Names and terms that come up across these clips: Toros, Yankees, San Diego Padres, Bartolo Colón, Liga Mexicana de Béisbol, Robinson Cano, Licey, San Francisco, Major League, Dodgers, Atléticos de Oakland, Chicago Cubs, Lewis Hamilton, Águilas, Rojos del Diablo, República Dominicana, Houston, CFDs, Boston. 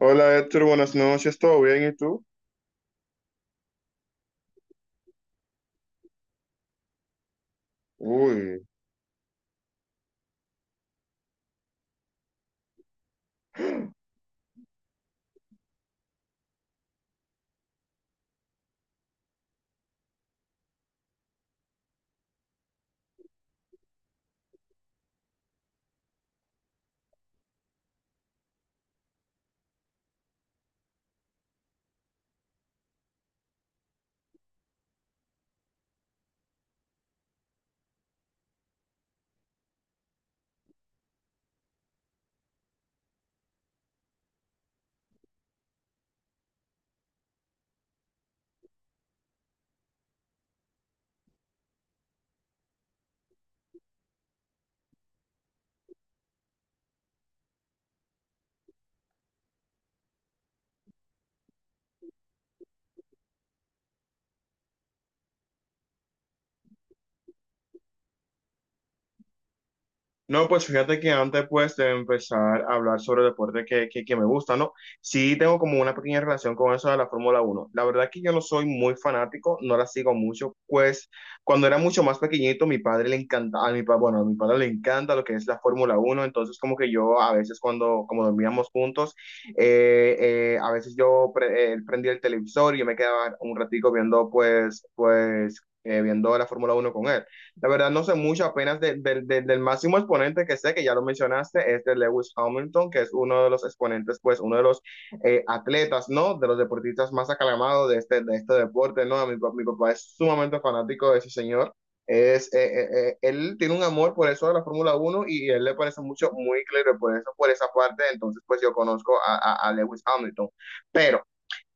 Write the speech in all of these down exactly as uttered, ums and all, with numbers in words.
Hola Héctor, buenas noches, ¿todo bien? ¿Y tú? Uy. No, pues fíjate que antes pues de empezar a hablar sobre el deporte que, que, que me gusta, ¿no? Sí tengo como una pequeña relación con eso de la Fórmula Uno. La verdad que yo no soy muy fanático, no la sigo mucho, pues cuando era mucho más pequeñito mi padre le encanta, a mi, pa- bueno, a mi padre le encanta lo que es la Fórmula Uno, entonces como que yo a veces cuando como dormíamos juntos, eh, eh, a veces yo pre- eh, prendía el televisor y yo me quedaba un ratico viendo pues, pues, eh, viendo la Fórmula Uno con él. La verdad no sé mucho apenas de- de- de- del máximo exponente que sé, que ya lo mencionaste, es de Lewis Hamilton, que es uno de los exponentes, pues uno de los eh, atletas, ¿no? De los deportistas más aclamados de este, de este deporte, ¿no? A Mi, pa- mi papá es sumamente fanático de ese señor. Es, eh, eh, eh, él tiene un amor por eso de la Fórmula Uno y él le parece mucho, muy claro por eso, por esa parte, entonces pues yo conozco a, a a Lewis Hamilton. Pero.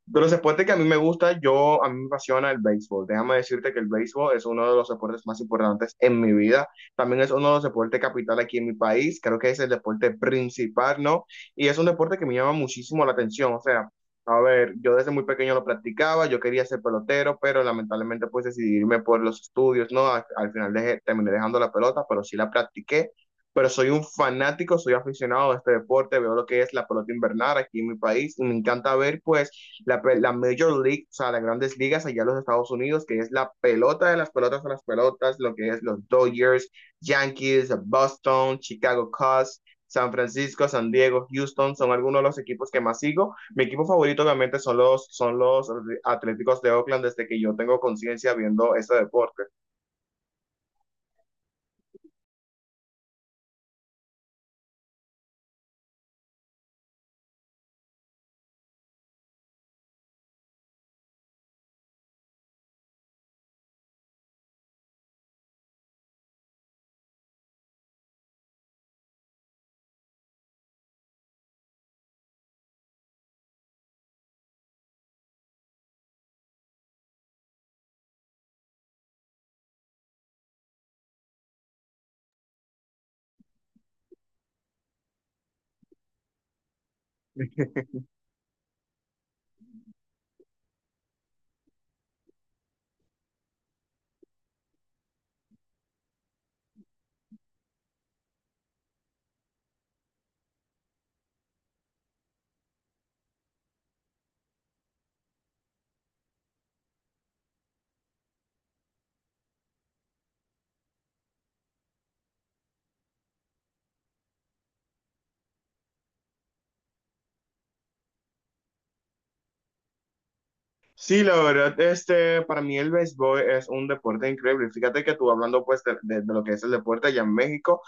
De los deportes que a mí me gusta, yo, a mí me apasiona el béisbol. Déjame decirte que el béisbol es uno de los deportes más importantes en mi vida. También es uno de los deportes capital aquí en mi país. Creo que es el deporte principal, ¿no? Y es un deporte que me llama muchísimo la atención. O sea, a ver, yo desde muy pequeño lo practicaba, yo quería ser pelotero, pero lamentablemente pues decidí irme por los estudios, ¿no? Al, al final dejé- terminé dejando la pelota, pero sí la practiqué. Pero soy un fanático, soy aficionado a este deporte, veo lo que es la pelota invernal aquí en mi país y me encanta ver pues la, la Major League, o sea, las grandes ligas allá en los Estados Unidos, que es la pelota de las pelotas a las pelotas, lo que es los Dodgers, Yankees, Boston, Chicago Cubs, San Francisco, San Diego, Houston, son algunos de los equipos que más sigo. Mi equipo favorito obviamente son los, son los Atléticos de Oakland desde que yo tengo conciencia viendo ese deporte. Sí, la verdad, este, para mí el béisbol es un deporte increíble. Fíjate que tú hablando pues de, de- de lo que es el deporte allá en México,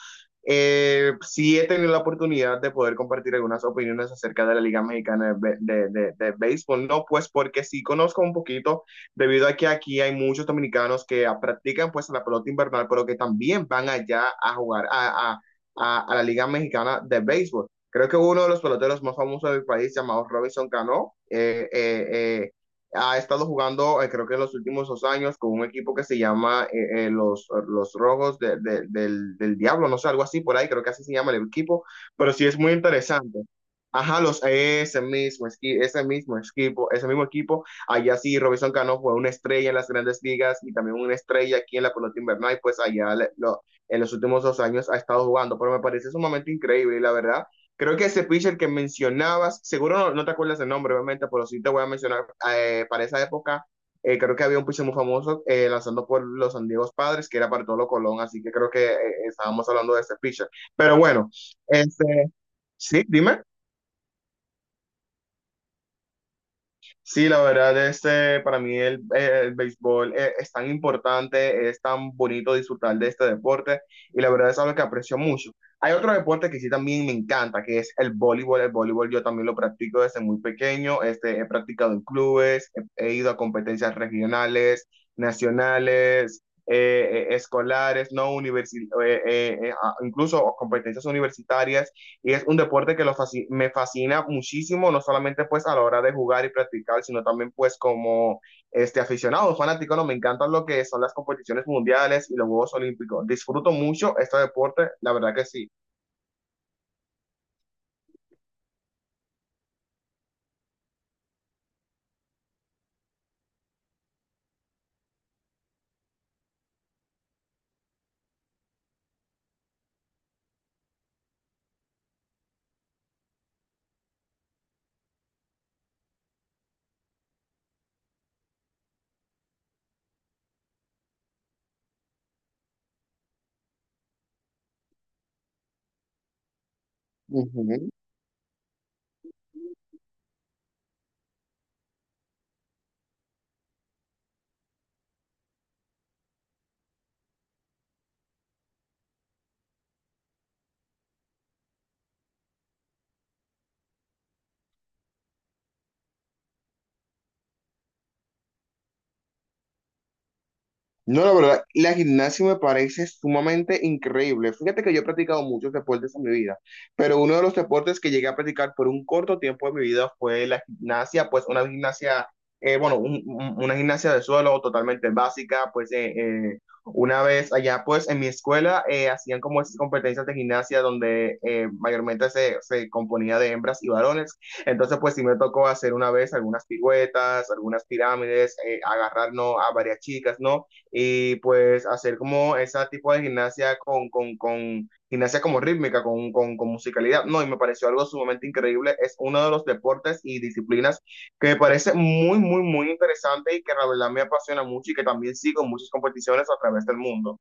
eh, sí he tenido la oportunidad de poder compartir algunas opiniones acerca de la Liga Mexicana de, Bé- de- de- de Béisbol, no pues porque sí conozco un poquito, debido a que aquí hay muchos dominicanos que ah, practican pues la pelota invernal, pero que también van allá a jugar a, a a- a la Liga Mexicana de Béisbol. Creo que uno de los peloteros más famosos del país, llamado Robinson Cano, eh, eh, eh, ha estado jugando, eh, creo que en los últimos dos años, con un equipo que se llama eh, eh, los, los Rojos de- de- del, del Diablo, no sé, algo así por ahí, creo que así se llama el equipo, pero sí es muy interesante. Ajá, los, ese mismo, esqui- ese mismo equipo, ese mismo equipo, allá sí Robinson Cano fue una estrella en las grandes ligas y también una estrella aquí en la pelota invernal, y pues allá le- lo- en los últimos dos años ha estado jugando, pero me parece sumamente increíble y la verdad. Creo que ese pitcher que mencionabas, seguro no, no te acuerdas el nombre, obviamente, pero sí te voy a mencionar, eh, para esa época, eh, creo que había un pitcher muy famoso eh, lanzando por los San Diego Padres, que era Bartolo Colón, así que creo que eh, estábamos hablando de ese pitcher. Pero bueno, este, sí, dime. Sí, la verdad, este, para mí el, eh, el béisbol eh, es tan importante, es tan bonito disfrutar de este deporte y la verdad es algo que aprecio mucho. Hay otro deporte que sí también me encanta, que es el voleibol. El voleibol yo también lo practico desde muy pequeño, este, he practicado en clubes, he, he ido a competencias regionales, nacionales, eh, eh, escolares, no universi- eh, eh, eh, a- incluso competencias universitarias, y es un deporte que lo fasc- me fascina muchísimo, no solamente pues a la hora de jugar y practicar, sino también pues como este aficionado, fanático, no, me encantan lo que son las competiciones mundiales y los Juegos Olímpicos. Disfruto mucho este deporte, la verdad que sí. No, la verdad, la gimnasia me parece sumamente increíble. Fíjate que yo he practicado muchos deportes en mi vida, pero uno de los deportes que llegué a practicar por un corto tiempo de mi vida fue la gimnasia, pues una gimnasia, eh, bueno, un- un- una gimnasia de suelo totalmente básica, pues eh, eh, una vez allá, pues en mi escuela eh, hacían como esas competencias de gimnasia donde eh, mayormente se, se componía de hembras y varones. Entonces, pues sí me tocó hacer una vez algunas piruetas, algunas pirámides, eh, agarrar, ¿no? a varias chicas, ¿no? Y pues hacer como ese tipo de gimnasia con, con, con gimnasia como rítmica, con, con, con musicalidad. No, y me pareció algo sumamente increíble. Es uno de los deportes y disciplinas que me parece muy, muy, muy interesante y que la verdad me apasiona mucho y que también sigo muchas competiciones a través del mundo.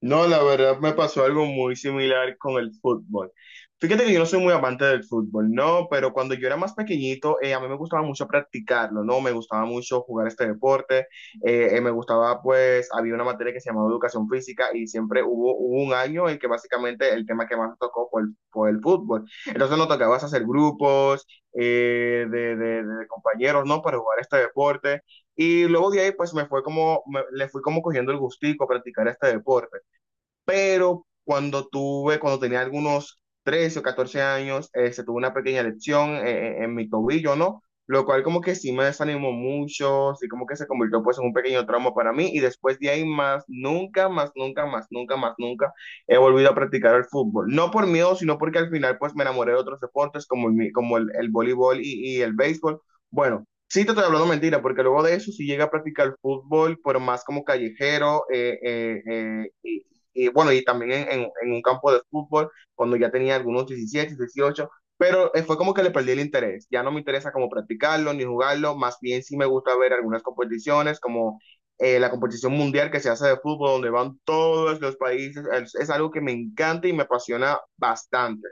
No, la verdad me pasó algo muy similar con el fútbol. Fíjate que yo no soy muy amante del fútbol, no, pero cuando yo era más pequeñito, eh, a mí me gustaba mucho practicarlo, ¿no? Me gustaba mucho jugar este deporte, eh, eh, me gustaba, pues, había una materia que se llamaba educación física y siempre hubo, hubo un año en que básicamente el tema que más nos tocó fue el, fue el fútbol. Entonces nos tocaba hacer grupos eh, de, de de compañeros, ¿no? Para jugar este deporte. Y luego de ahí, pues, me fue como, me- le fui como cogiendo el gustico a practicar este deporte, pero cuando tuve, cuando tenía algunos trece o catorce años, eh, se tuvo una pequeña lesión, eh, eh, en mi tobillo, ¿no? Lo cual como que sí me desanimó mucho, sí como que se convirtió pues en un pequeño trauma para mí, y después de ahí más, nunca, más, nunca, más, nunca, más, nunca he volvido a practicar el fútbol. No por miedo, sino porque al final pues me enamoré de otros deportes como el, mi- como el, el voleibol y, y el béisbol. Bueno, sí, te estoy hablando mentira, porque luego de eso sí llegué a practicar fútbol, pero más como callejero, eh, eh, eh, y, y bueno, y también en, en, en, un campo de fútbol, cuando ya tenía algunos diecisiete dieciocho, pero eh, fue como que le perdí el interés, ya no me interesa como practicarlo ni jugarlo, más bien sí me gusta ver algunas competiciones como eh, la competición mundial que se hace de fútbol, donde van todos los países, es, es algo que me encanta y me apasiona bastante.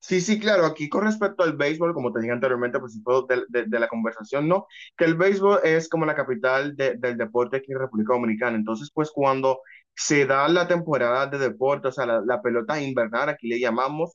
Sí, sí, claro, aquí con respecto al béisbol, como te dije anteriormente, pues de, de, de la conversación, ¿no? Que el béisbol es como la capital de- del deporte aquí en República Dominicana. Entonces, pues cuando se da la temporada de deporte, o sea, la, la pelota invernal, aquí le llamamos,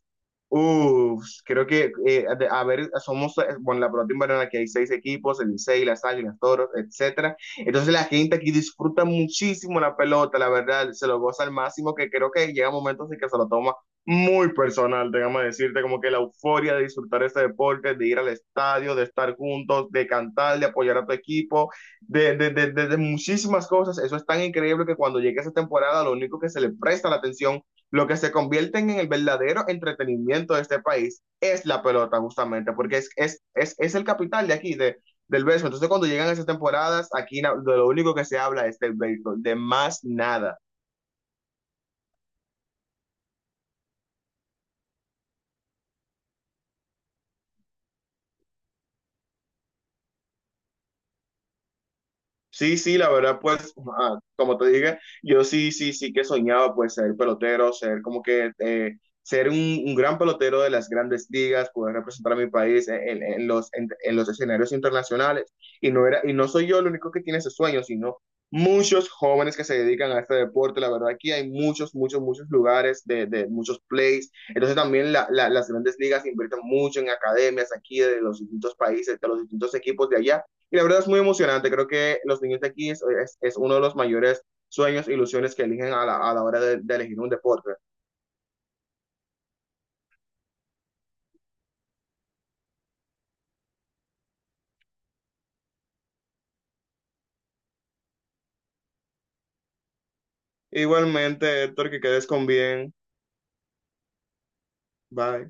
uff, creo que, eh, de- a ver, somos, eh, bueno, la pelota invernal, aquí hay seis equipos, el Licey, las Águilas, Toros, etcétera. Entonces, la gente aquí disfruta muchísimo la pelota, la verdad, se lo goza al máximo, que creo que llega momentos en que se lo toma muy personal, déjame decirte, como que la euforia de disfrutar este deporte, de ir al estadio, de estar juntos, de cantar, de apoyar a tu equipo, de, de, de, de- de muchísimas cosas. Eso es tan increíble que cuando llegue esa temporada, lo único que se le presta la atención, lo que se convierte en el verdadero entretenimiento de este país, es la pelota, justamente, porque es, es, es, es el capital de aquí, de, del béisbol. Entonces, cuando llegan esas temporadas, aquí na- de lo único que se habla es del béisbol, de más nada. Sí, sí, la verdad, pues, ah, como te dije, yo sí, sí, sí que soñaba, pues, ser pelotero, ser como que, eh, ser un, un gran pelotero de las grandes ligas, poder representar a mi país en, en- en los, en, en los escenarios internacionales. Y no era, y no soy yo el único que tiene ese sueño, sino muchos jóvenes que se dedican a este deporte. La verdad, aquí hay muchos, muchos, muchos lugares de, de muchos plays. Entonces, también la- la- las grandes ligas invierten mucho en academias aquí de los distintos países, de los distintos equipos de allá, y la verdad es muy emocionante. Creo que los niños de aquí es, es, es uno de los mayores sueños, ilusiones que eligen a la, a la hora de, de elegir un deporte. Igualmente, Héctor, que quedes con bien. Bye.